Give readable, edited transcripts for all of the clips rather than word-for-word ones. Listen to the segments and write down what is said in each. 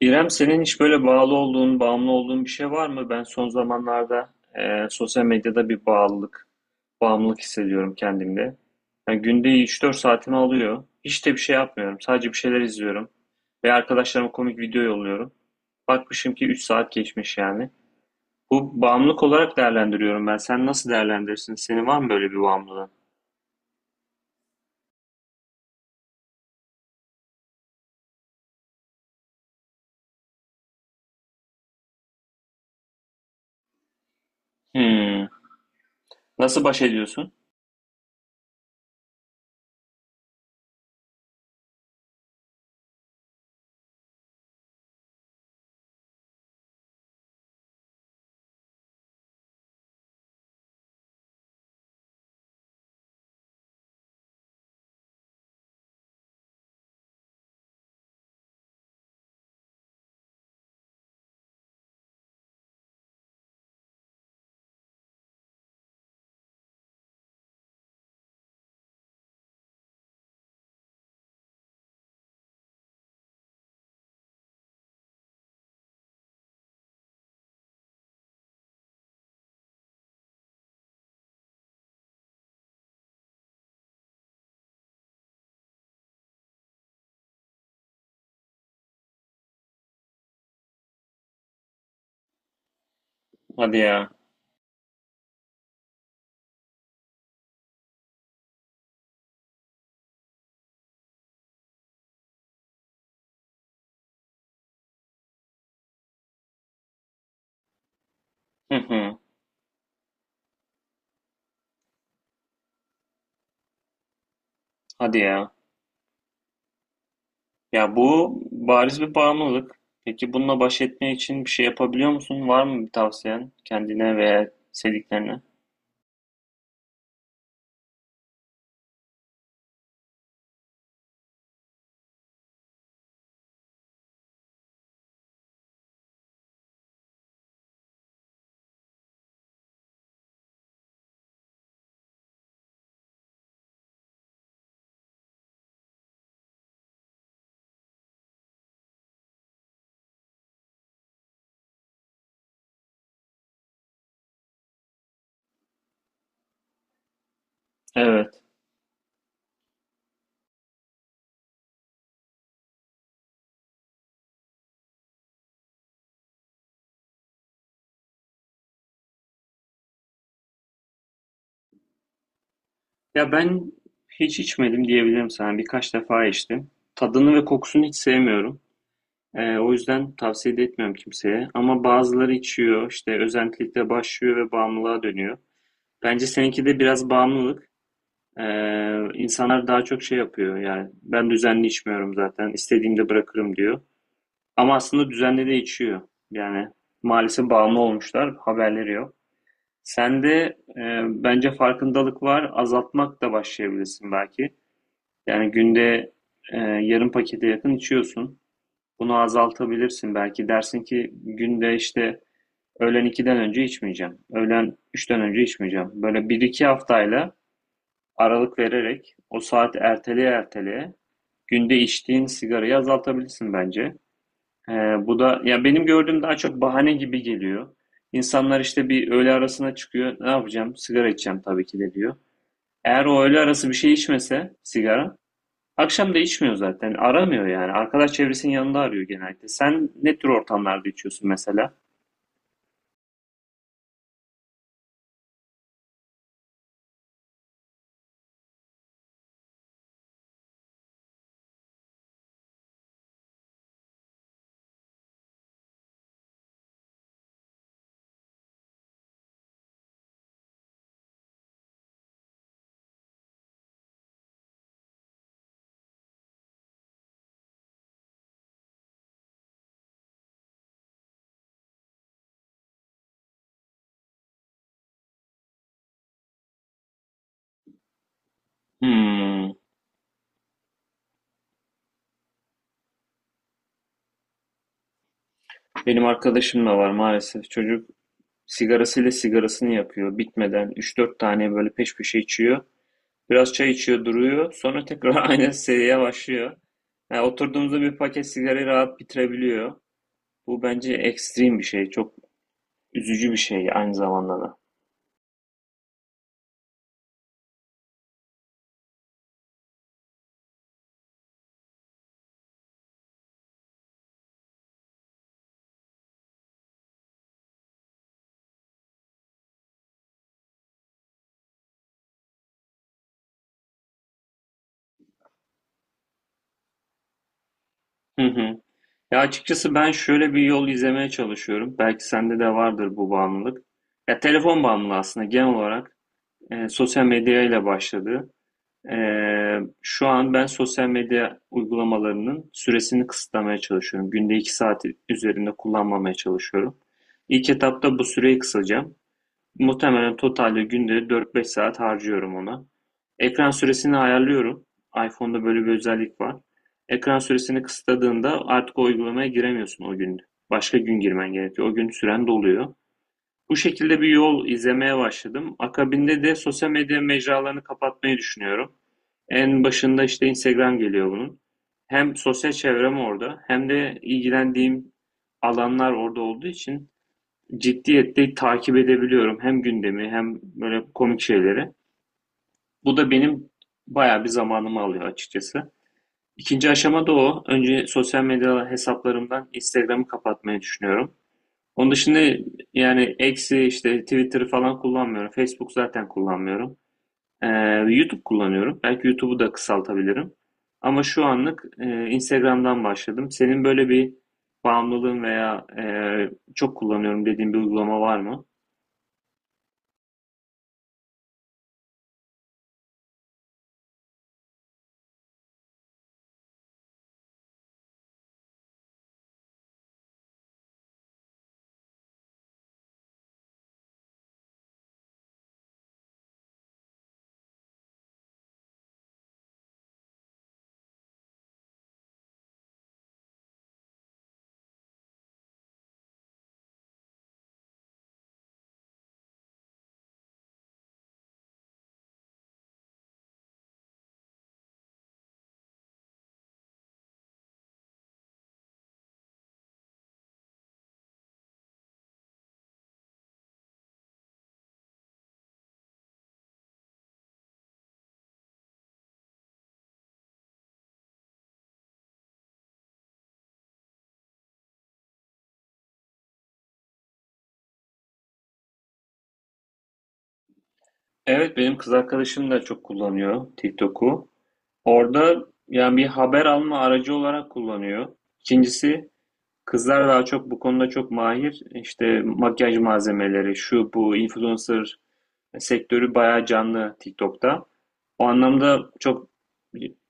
İrem, senin hiç böyle bağlı olduğun, bağımlı olduğun bir şey var mı? Ben son zamanlarda sosyal medyada bir bağlılık, bağımlılık hissediyorum kendimde. Yani günde 3-4 saatimi alıyor. Hiç de bir şey yapmıyorum. Sadece bir şeyler izliyorum. Ve arkadaşlarıma komik video yolluyorum. Bakmışım ki 3 saat geçmiş yani. Bu bağımlılık olarak değerlendiriyorum ben. Sen nasıl değerlendirirsin? Senin var mı böyle bir bağımlılığın? Hmm. Nasıl baş ediyorsun? Hadi ya. Hı hı. Hadi ya. Ya bu bariz bir bağımlılık. Peki bununla baş etmek için bir şey yapabiliyor musun? Var mı bir tavsiyen kendine veya sevdiklerine? Evet. Ya ben hiç içmedim diyebilirim sana. Birkaç defa içtim. Tadını ve kokusunu hiç sevmiyorum. O yüzden tavsiye de etmiyorum kimseye. Ama bazıları içiyor, işte özentilikle başlıyor ve bağımlılığa dönüyor. Bence seninki de biraz bağımlılık. İnsanlar daha çok şey yapıyor. Yani ben düzenli içmiyorum zaten. İstediğimde bırakırım diyor. Ama aslında düzenli de içiyor. Yani maalesef bağımlı olmuşlar. Haberleri yok. Sende bence farkındalık var. Azaltmak da başlayabilirsin belki. Yani günde yarım pakete yakın içiyorsun. Bunu azaltabilirsin belki. Dersin ki günde işte öğlen iki'den önce içmeyeceğim. Öğlen üç'ten önce içmeyeceğim. Böyle bir iki haftayla aralık vererek o saat erteleye erteleye günde içtiğin sigarayı azaltabilirsin bence. Ee, Bu da ya benim gördüğüm daha çok bahane gibi geliyor. İnsanlar işte bir öğle arasına çıkıyor. Ne yapacağım? Sigara içeceğim tabii ki de diyor. Eğer o öğle arası bir şey içmese sigara, akşam da içmiyor zaten. Aramıyor yani. Arkadaş çevresinin yanında arıyor genellikle. Sen ne tür ortamlarda içiyorsun mesela? Hmm. Benim arkadaşım da var maalesef. Çocuk sigarasıyla sigarasını yapıyor. Bitmeden 3 4 tane böyle peş peşe içiyor. Biraz çay içiyor, duruyor. Sonra tekrar aynı seriye başlıyor. Yani oturduğumuzda bir paket sigarayı rahat bitirebiliyor. Bu bence ekstrem bir şey. Çok üzücü bir şey aynı zamanda da. Hı hı. Ya açıkçası ben şöyle bir yol izlemeye çalışıyorum. Belki sende de vardır bu bağımlılık. Ya telefon bağımlılığı aslında genel olarak sosyal medyayla başladı. Şu an ben sosyal medya uygulamalarının süresini kısıtlamaya çalışıyorum. Günde 2 saat üzerinde kullanmamaya çalışıyorum. İlk etapta bu süreyi kısacağım. Muhtemelen totalde günde 4 5 saat harcıyorum ona. Ekran süresini ayarlıyorum. iPhone'da böyle bir özellik var. Ekran süresini kısıtladığında artık o uygulamaya giremiyorsun o gün. Başka gün girmen gerekiyor. O gün süren doluyor. Bu şekilde bir yol izlemeye başladım. Akabinde de sosyal medya mecralarını kapatmayı düşünüyorum. En başında işte Instagram geliyor bunun. Hem sosyal çevrem orada hem de ilgilendiğim alanlar orada olduğu için ciddiyetle takip edebiliyorum. Hem gündemi hem böyle komik şeyleri. Bu da benim bayağı bir zamanımı alıyor açıkçası. İkinci aşama da o. Önce sosyal medya hesaplarımdan Instagram'ı kapatmayı düşünüyorum. Onun dışında yani eksi işte Twitter'ı falan kullanmıyorum. Facebook zaten kullanmıyorum. Ee, YouTube kullanıyorum. Belki YouTube'u da kısaltabilirim. Ama şu anlık Instagram'dan başladım. Senin böyle bir bağımlılığın veya çok kullanıyorum dediğin bir uygulama var mı? Evet, benim kız arkadaşım da çok kullanıyor TikTok'u. Orada yani bir haber alma aracı olarak kullanıyor. İkincisi kızlar daha çok bu konuda çok mahir. İşte makyaj malzemeleri, şu bu influencer sektörü bayağı canlı TikTok'ta. O anlamda çok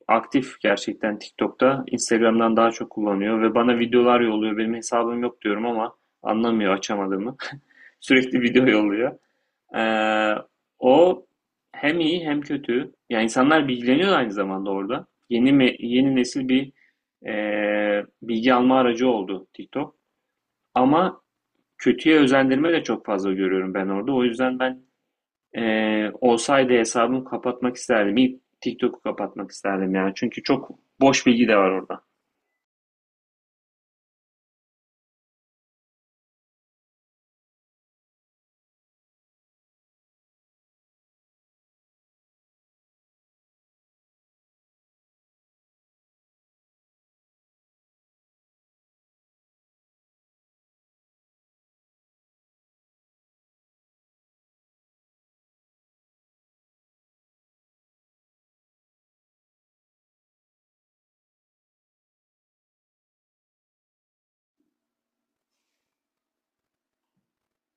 aktif gerçekten TikTok'ta. Instagram'dan daha çok kullanıyor ve bana videolar yolluyor. Benim hesabım yok diyorum ama anlamıyor açamadığımı. Sürekli video yolluyor. Ee, O hem iyi hem kötü. Yani insanlar bilgileniyor aynı zamanda orada. Yeni nesil bir bilgi alma aracı oldu TikTok. Ama kötüye özendirme de çok fazla görüyorum ben orada. O yüzden ben olsaydı hesabımı kapatmak isterdim. İlk TikTok'u kapatmak isterdim yani. Çünkü çok boş bilgi de var orada.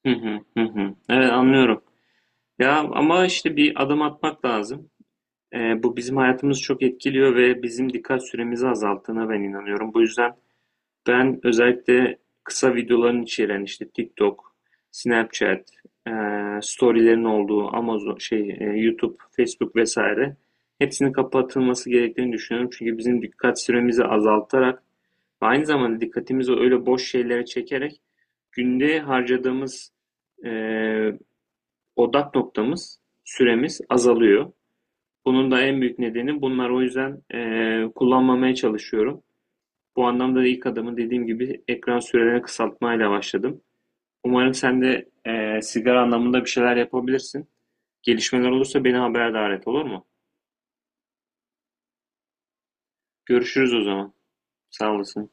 Hı hı hı hı. Evet, anlıyorum. Ya ama işte bir adım atmak lazım. Bu bizim hayatımızı çok etkiliyor ve bizim dikkat süremizi azalttığına ben inanıyorum. Bu yüzden ben özellikle kısa videoların içeren işte TikTok, Snapchat, storylerin olduğu Amazon, şey, YouTube, Facebook vesaire hepsinin kapatılması gerektiğini düşünüyorum. Çünkü bizim dikkat süremizi azaltarak ve aynı zamanda dikkatimizi öyle boş şeylere çekerek günde harcadığımız eee, odak noktamız, süremiz azalıyor. Bunun da en büyük nedeni bunlar o yüzden kullanmamaya çalışıyorum. Bu anlamda da ilk adımı dediğim gibi ekran sürelerini kısaltmayla başladım. Umarım sen de sigara anlamında bir şeyler yapabilirsin. Gelişmeler olursa beni haberdar et, olur mu? Görüşürüz o zaman. Sağ olasın.